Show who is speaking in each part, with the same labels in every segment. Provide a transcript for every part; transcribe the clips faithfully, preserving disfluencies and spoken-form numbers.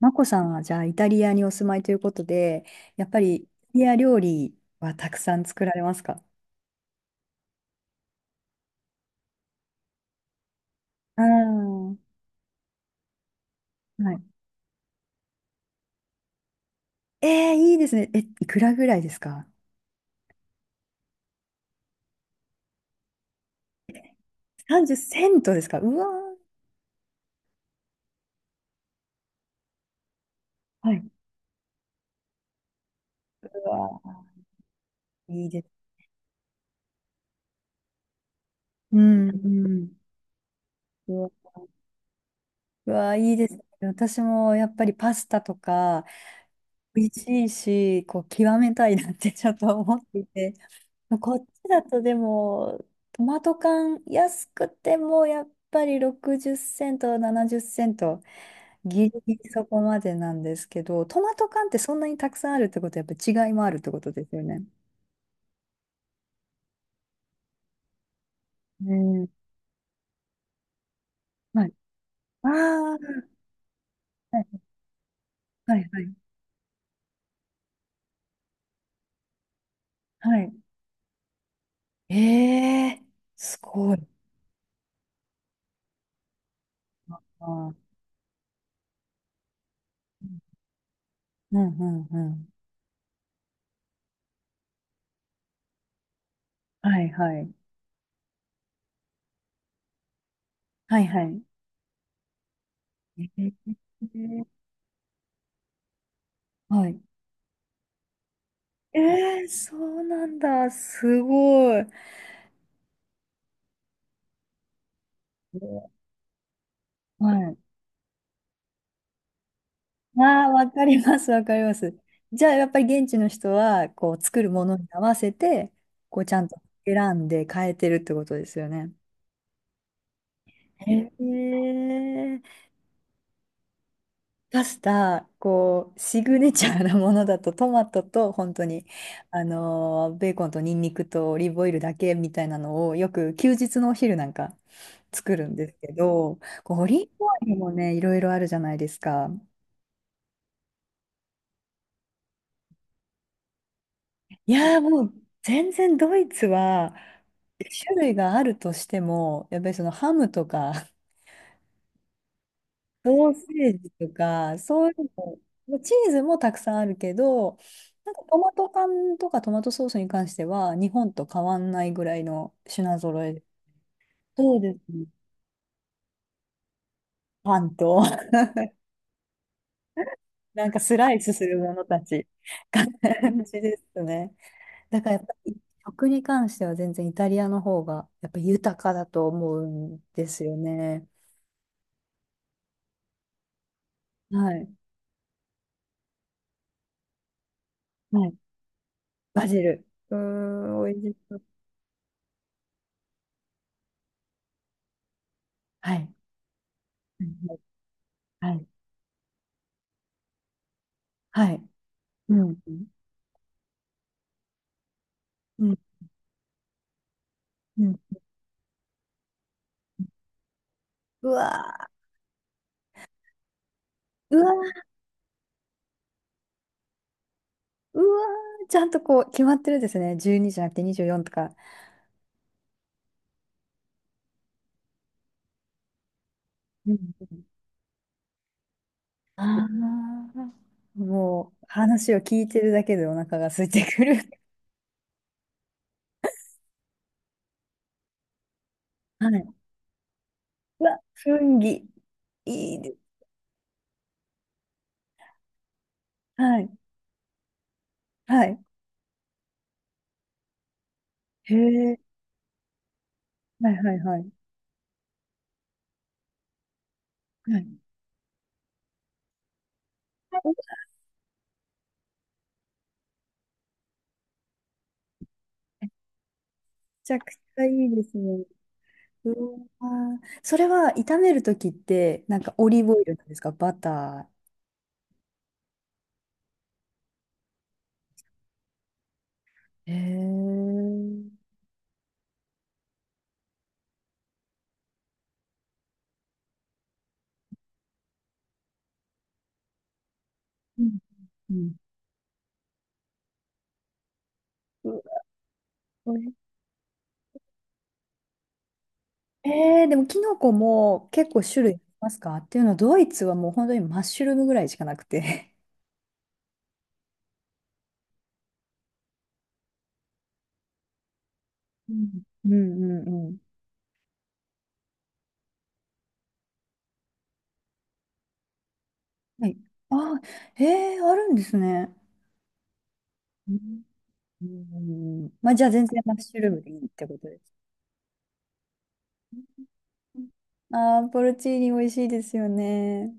Speaker 1: マコさんはじゃあイタリアにお住まいということで、やっぱりイタリア料理はたくさん作られますか？ああー、はい。えー、いいですね。え、いくらぐらいですか？ さんじゅう セントですか？うわー。はい。うわー、いいです。うん、うん。うわ、うわー、いいですね。私もやっぱりパスタとか美味しいし、こう極めたいなってちょっと思っていて。こっちだとでも、トマト缶安くてもやっぱりろくじゅうセント、ななじゅうセント、ギリギリそこまでなんですけど、トマト缶ってそんなにたくさんあるってことはやっぱ違いもあるってことですよね。うん。はい。ああ、はいはいはい。はい。ええ、すごいな。うんうんうん。はいはい。はいはい。えーはい。えー、そうなんだ。すごい。はい。ああ、わかります、わかります。じゃあ、やっぱり現地の人は、こう、作るものに合わせて、こう、ちゃんと選んで変えてるってことですよね。へえ。パスタ、こう、シグネチャーなものだと、トマトと、本当に、あのーベーコンとニンニクとオリーブオイルだけみたいなのを、よく休日のお昼なんか作るんですけど、こうオリーブオイルもね、いろいろあるじゃないですか。いやーもう全然ドイツは、種類があるとしても、やっぱりそのハムとか、ソーセージとか、そういうの、チーズもたくさんあるけど、なんかトマト缶とかトマトソースに関しては、日本と変わんないぐらいの品揃え。そうですね。パンと、なんかスライスするものたち、感じですね。だからやっぱり食に関しては全然イタリアの方がやっぱ豊かだと思うんですよね。はい。はい。バジル。うーん、美味しそう。はい。はい。はい。はい。うん。うん。うん。うわー、うわー、うわー、ちゃんとこう、決まってるんですね。じゅうにじゃなくてにじゅうよんとか。うん。ああ、もう、話を聞いてるだけでお腹が空いてくる。はい。うわ、雰囲気、いいです。はい。はい。へえ。はいはいはい。はい。めちゃくちゃいいですね。うわー、それは炒めるときって、なんかオリーブオイルなんですか？バター？へえ。ー。うんうん、うわ。えー、でもキノコも結構種類ありますか？っていうのは、ドイツはもう本当にマッシュルームぐらいしかなくて。うん。うんうんうん。はい。あー、えー、あるんですね。うんうんうんうん、まあじゃあ全然マッシュルームでいいってことです。ああ、ポルチーニ美味しいですよね。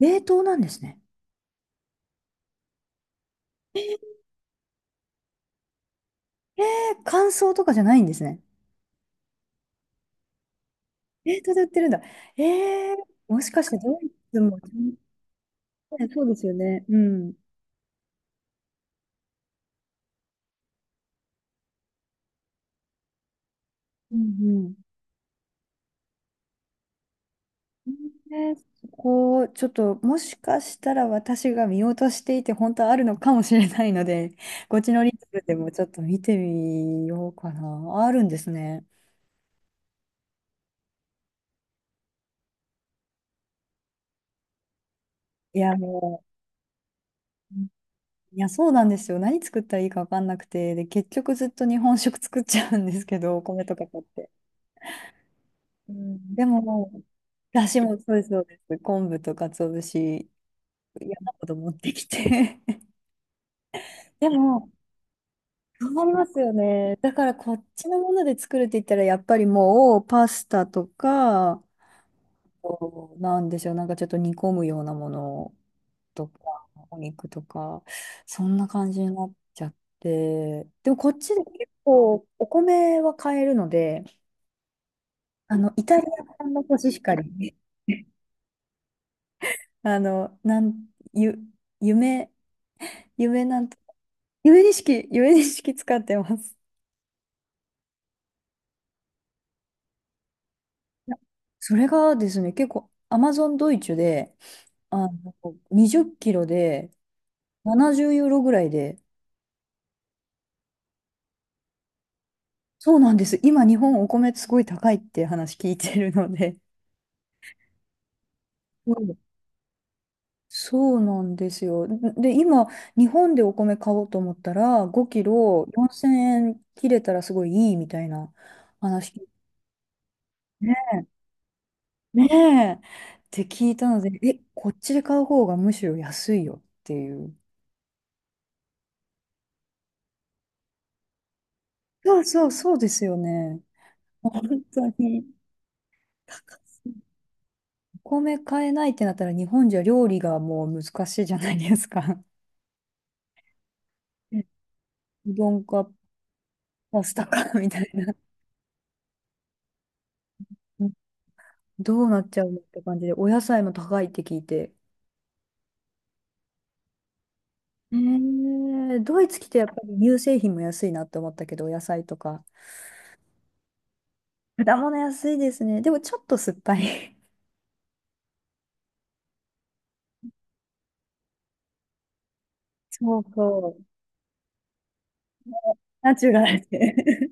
Speaker 1: 冷凍なんですね。えー、乾燥とかじゃないんですね。冷凍で売ってるんだ。えー、もしかしてドイツも。ね、そうですよね。うん。うんうん。えー、そこ、ちょっと、もしかしたら私が見落としていて、本当はあるのかもしれないので、こっちのリンクでもちょっと見てみようかな。あるんですね。いや、もう、いや、そうなんですよ。何作ったらいいか分かんなくて、で、結局ずっと日本食作っちゃうんですけど、お米とか買って。うん、でも、だしもそうです、そうです。昆布と鰹節、嫌なこと持ってきて。でも、そうりますよね。だからこっちのもので作るって言ったら、やっぱりもうパスタとか、こうなんでしょう、なんかちょっと煮込むようなものとか、お肉とか、そんな感じになっちゃって。でもこっちで結構お米は買えるので、あの、イタリア産のコシヒカリ、あの、なん、ゆ、夢、夢なんゆえにしき、ゆえにしき使ってます。いや、それがですね、結構アマゾンドイツで、あの、にじゅっきろでななじゅうユーロぐらいで、そうなんです。今日本お米すごい高いって話聞いてるので。うん、そうなんですよ。で、今、日本でお米買おうと思ったら、ごきろよんせんえん切れたらすごいいいみたいな話。ね、ねえ。って聞いたので、え、こっちで買う方がむしろ安いよっていう。そうそう、そうですよね。本当に。高すぎる、お米買えないってなったら日本じゃ料理がもう難しいじゃないですか。ね、うどんかパスタか みたいな。どうなっちゃうのって感じで、お野菜も高いって聞いて。えー、ドイツ来てやっぱり乳製品も安いなって思ったけど、お野菜とか。果物安いですね。でもちょっと酸っぱい。そうそう。ナチュラルで。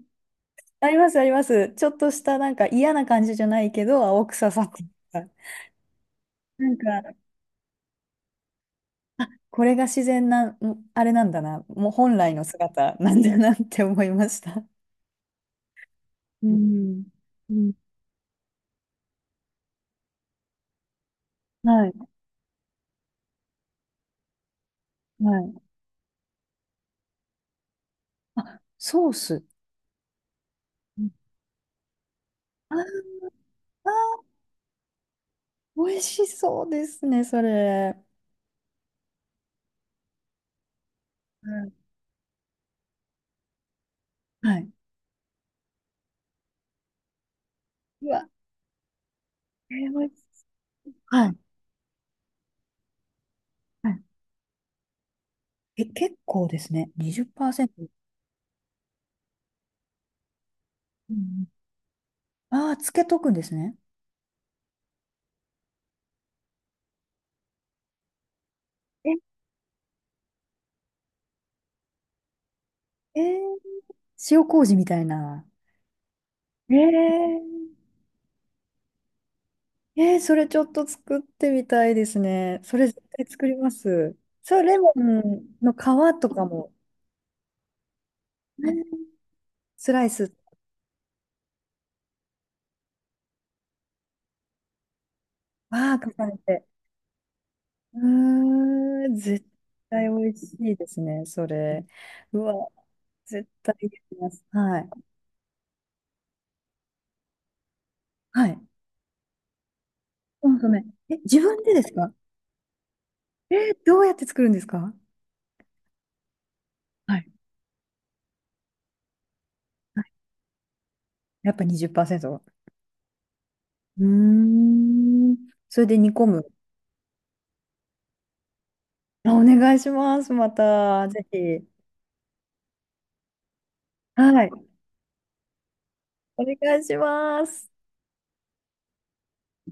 Speaker 1: ありますあります。ちょっとしたなんか嫌な感じじゃないけど、青臭さっていうか。なんか、これが自然な、んあれなんだな、もう本来の姿なんだなって思いました。うん。うん。はい、はい。あ、ソース。うん、あー、美味しそうですね、それ。うん。はい。うわ、えー、美味しそう、はい。はい、え、結構ですね。にじゅっパーセント。うんうん。ああ、つけとくんですね。え、えー、塩麹みたいな。ええー、えー、それちょっと作ってみたいですね。それ絶対作ります。そう、レモンの皮とかも、ね、スライス、ああ、重ねて。うーん、絶対美味しいですね、それ。うわ、絶対できます。はい。はい。コンソメ。え、自分でですか？えーどうやって作るんですか？はい。はい、やっぱにじゅっパーセント。うーん。それで煮込む。あ、お願いします。また、ぜひ。はい。お願いします。